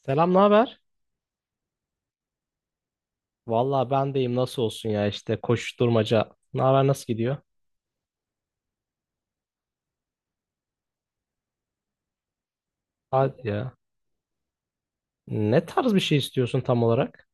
Selam, ne haber? Vallahi ben deyim nasıl olsun ya işte koşuşturmaca. Ne haber nasıl gidiyor? Hadi ya. Ne tarz bir şey istiyorsun tam olarak?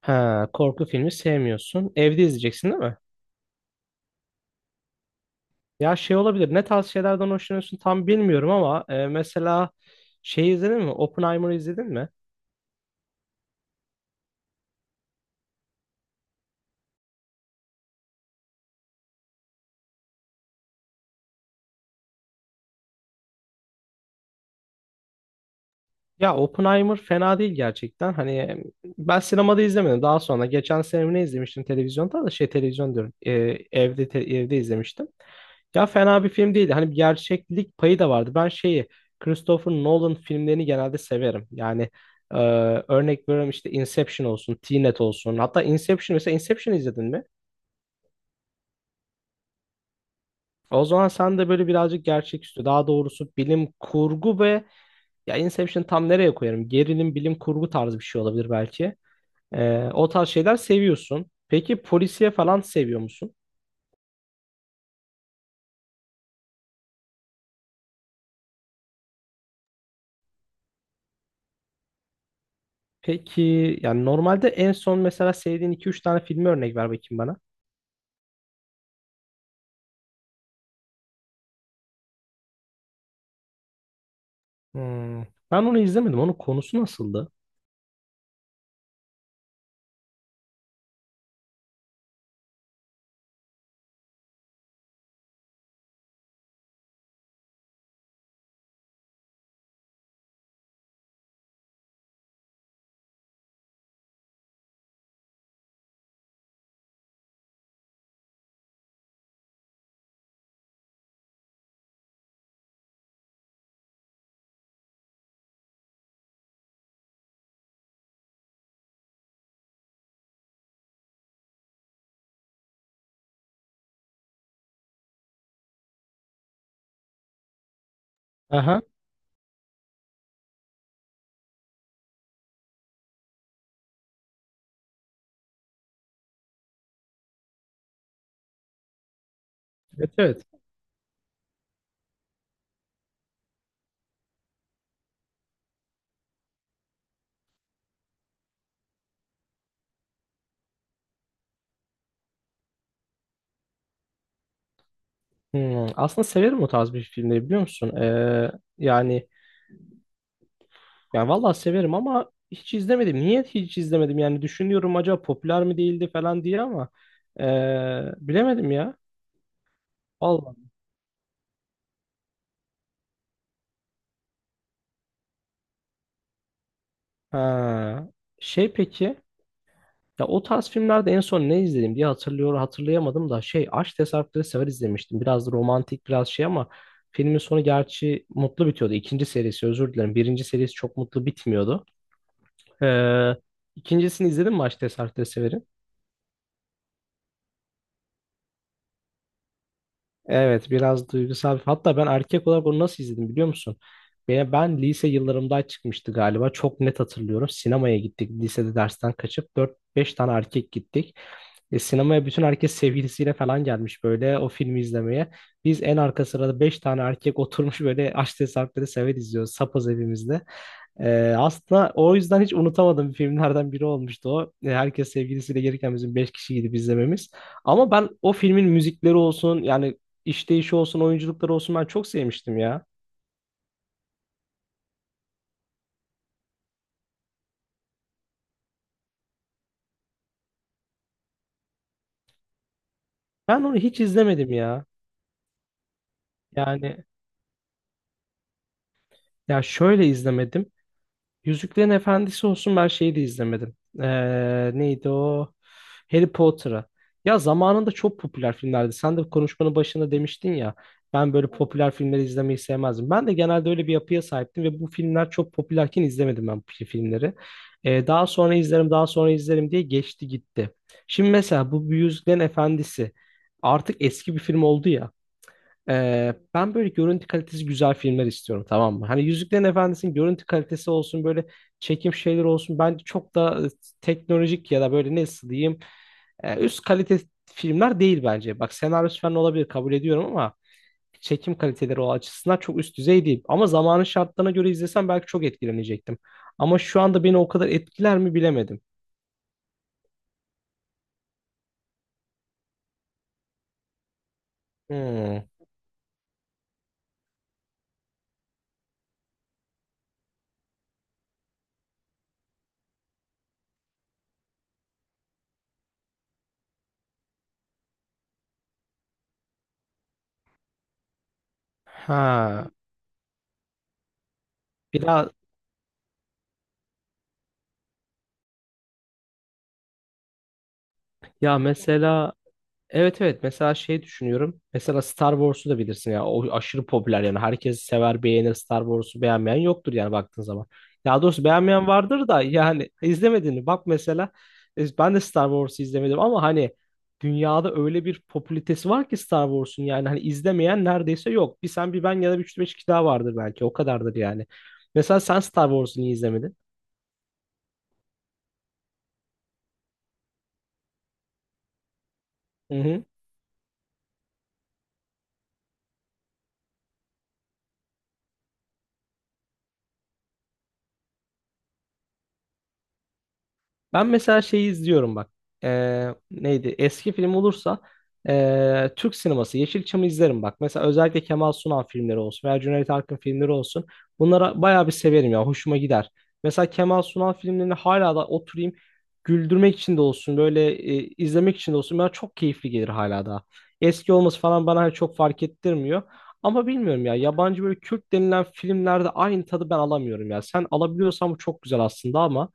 Ha, korku filmi sevmiyorsun. Evde izleyeceksin değil mi? Ya şey olabilir. Ne tarz şeylerden hoşlanıyorsun tam bilmiyorum ama mesela şey izledin mi? Oppenheimer'ı izledin mi? Ya Oppenheimer fena değil gerçekten. Hani ben sinemada izlemedim. Daha sonra geçen sene mi ne izlemiştim televizyonda da şey televizyon diyorum. Evde evde izlemiştim. Ya fena bir film değildi. Hani bir gerçeklik payı da vardı. Ben şeyi Christopher Nolan filmlerini genelde severim. Yani e, örnek veriyorum işte Inception olsun, Tenet olsun. Hatta Inception mesela Inception izledin mi? O zaman sen de böyle birazcık gerçeküstü, daha doğrusu bilim kurgu ve ya Inception tam nereye koyarım? Gerilim, bilim kurgu tarzı bir şey olabilir belki. O tarz şeyler seviyorsun. Peki polisiye falan seviyor musun? Peki yani normalde en son mesela sevdiğin iki üç tane filmi örnek ver bakayım bana. Hmm. Ben onu izlemedim. Onun konusu nasıldı? Aha. Evet, evet. Hmm, aslında severim o tarz bir filmleri biliyor musun? Yani vallahi severim ama hiç izlemedim. Niye hiç izlemedim? Yani düşünüyorum acaba popüler mi değildi falan diye ama bilemedim ya. Vallahi. Ha. Şey peki, ya o tarz filmlerde en son ne izledim diye hatırlayamadım da şey Aşk Tesadüfleri Sever izlemiştim. Biraz da romantik biraz şey ama filmin sonu gerçi mutlu bitiyordu. İkinci serisi özür dilerim. Birinci serisi çok mutlu bitmiyordu. Ee, ikincisini izledin mi Aşk Tesadüfleri Sever'in? Evet, biraz duygusal. Hatta ben erkek olarak onu nasıl izledim biliyor musun? Ben lise yıllarımda çıkmıştı galiba. Çok net hatırlıyorum. Sinemaya gittik. Lisede dersten kaçıp dört beş tane erkek gittik. Sinemaya bütün herkes sevgilisiyle falan gelmiş böyle o filmi izlemeye. Biz en arka sırada beş tane erkek oturmuş böyle Aşk Sarpları Sever izliyoruz sapız evimizde. Aslında o yüzden hiç unutamadığım filmlerden biri olmuştu o. Herkes sevgilisiyle gelirken bizim 5 kişi gidip izlememiz. Ama ben o filmin müzikleri olsun yani işleyişi olsun oyunculukları olsun ben çok sevmiştim ya. Ben onu hiç izlemedim ya. Yani ya şöyle izlemedim. Yüzüklerin Efendisi olsun ben şeyi de izlemedim. Neydi o? Harry Potter'ı. Ya zamanında çok popüler filmlerdi. Sen de konuşmanın başında demiştin ya. Ben böyle popüler filmleri izlemeyi sevmezdim. Ben de genelde öyle bir yapıya sahiptim ve bu filmler çok popülerken izlemedim ben bu filmleri. Daha sonra izlerim, daha sonra izlerim diye geçti gitti. Şimdi mesela bu Yüzüklerin Efendisi artık eski bir film oldu ya. Ben böyle görüntü kalitesi güzel filmler istiyorum, tamam mı? Hani Yüzüklerin Efendisi'nin görüntü kalitesi olsun böyle çekim şeyler olsun. Bence çok da teknolojik ya da böyle nasıl diyeyim üst kalite filmler değil bence. Bak senaryosu falan olabilir kabul ediyorum ama çekim kaliteleri o açısından çok üst düzey değil. Ama zamanın şartlarına göre izlesem belki çok etkilenecektim. Ama şu anda beni o kadar etkiler mi bilemedim. Hmm. Ha. Bir daha ya mesela, evet, evet mesela şey düşünüyorum. Mesela Star Wars'u da bilirsin ya. O aşırı popüler yani. Herkes sever beğenir, Star Wars'u beğenmeyen yoktur yani baktığın zaman. Ya doğrusu beğenmeyen vardır da yani izlemediğini bak mesela, ben de Star Wars'u izlemedim ama hani dünyada öyle bir popülitesi var ki Star Wars'un, yani hani izlemeyen neredeyse yok. Bir sen bir ben ya da bir üç beş kişi daha vardır belki, o kadardır yani. Mesela sen Star Wars'u niye izlemedin? Ben mesela şeyi izliyorum bak. Neydi? Eski film olursa Türk sineması Yeşilçam'ı izlerim bak. Mesela özellikle Kemal Sunal filmleri olsun veya Cüneyt Arkın filmleri olsun. Bunlara bayağı bir severim ya. Hoşuma gider. Mesela Kemal Sunal filmlerini hala da oturayım güldürmek için de olsun böyle izlemek için de olsun bana çok keyifli gelir hala da. Eski olması falan bana hani çok fark ettirmiyor. Ama bilmiyorum ya, yabancı böyle Kürt denilen filmlerde aynı tadı ben alamıyorum ya. Sen alabiliyorsan bu çok güzel aslında ama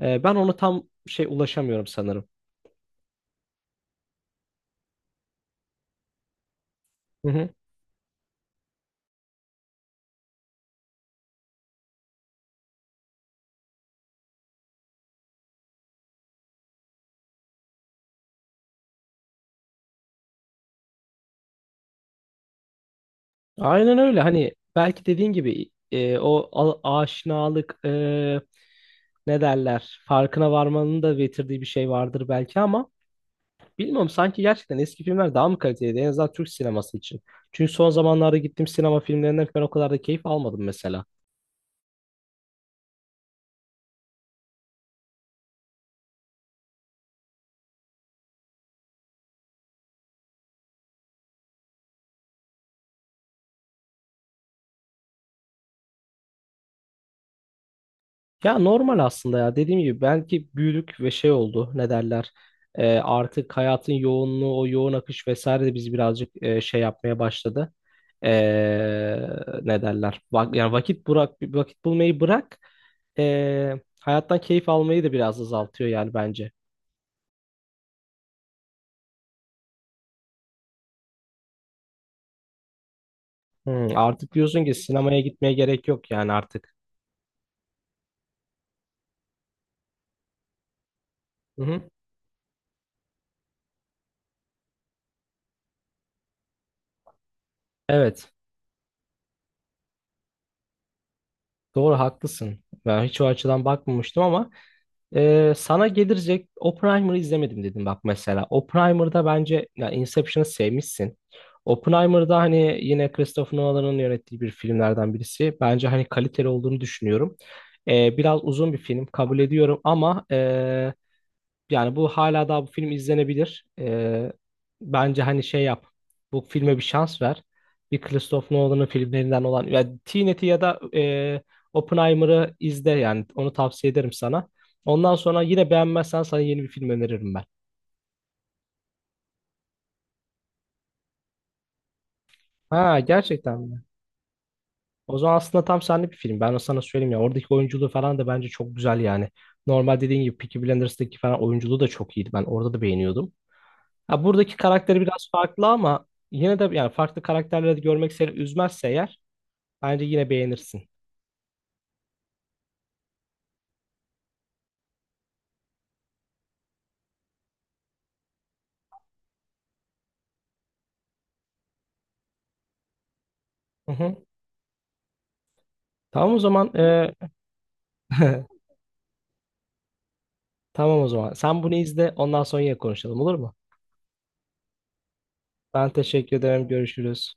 ben ona tam şey ulaşamıyorum sanırım. Hı hı. Aynen öyle. Hani belki dediğin gibi o aşinalık, ne derler, farkına varmanın da getirdiği bir şey vardır belki ama bilmiyorum, sanki gerçekten eski filmler daha mı kaliteliydi en azından Türk sineması için. Çünkü son zamanlarda gittiğim sinema filmlerinden ben o kadar da keyif almadım mesela. Ya normal aslında ya, dediğim gibi belki büyüdük ve şey oldu, ne derler, artık hayatın yoğunluğu, o yoğun akış vesaire de bizi birazcık şey yapmaya başladı. Ee, Ne derler, yani vakit bırak, vakit bulmayı bırak, ee, hayattan keyif almayı da biraz azaltıyor yani bence. Artık diyorsun ki sinemaya gitmeye gerek yok yani artık. Hı hı. Evet, doğru, haklısın, ben hiç o açıdan bakmamıştım ama. Sana gelecek, Oppenheimer'ı izlemedim dedim bak mesela. Oppenheimer'da bence ya, Inception'ı sevmişsin. Oppenheimer'da hani yine Christopher Nolan'ın yönettiği bir filmlerden birisi. Bence hani kaliteli olduğunu düşünüyorum. Biraz uzun bir film kabul ediyorum ama yani bu hala daha bu film izlenebilir. Bence hani şey yap. Bu filme bir şans ver. Bir Christopher Nolan'ın filmlerinden olan yani Tenet'i ya da Oppenheimer'ı izle, yani onu tavsiye ederim sana. Ondan sonra yine beğenmezsen sana yeni bir film öneririm ben. Ha, gerçekten mi? O zaman aslında tam senlik bir film. Ben de sana söyleyeyim ya, oradaki oyunculuğu falan da bence çok güzel yani. Normal dediğin gibi Peaky Blinders'daki falan oyunculuğu da çok iyiydi. Ben orada da beğeniyordum. Ha, buradaki karakteri biraz farklı ama yine de yani farklı karakterleri de görmek seni üzmezse eğer bence yine beğenirsin. Hı hı. Tamam o zaman, tamam o zaman. Sen bunu izle, ondan sonra yine konuşalım olur mu? Ben teşekkür ederim. Görüşürüz.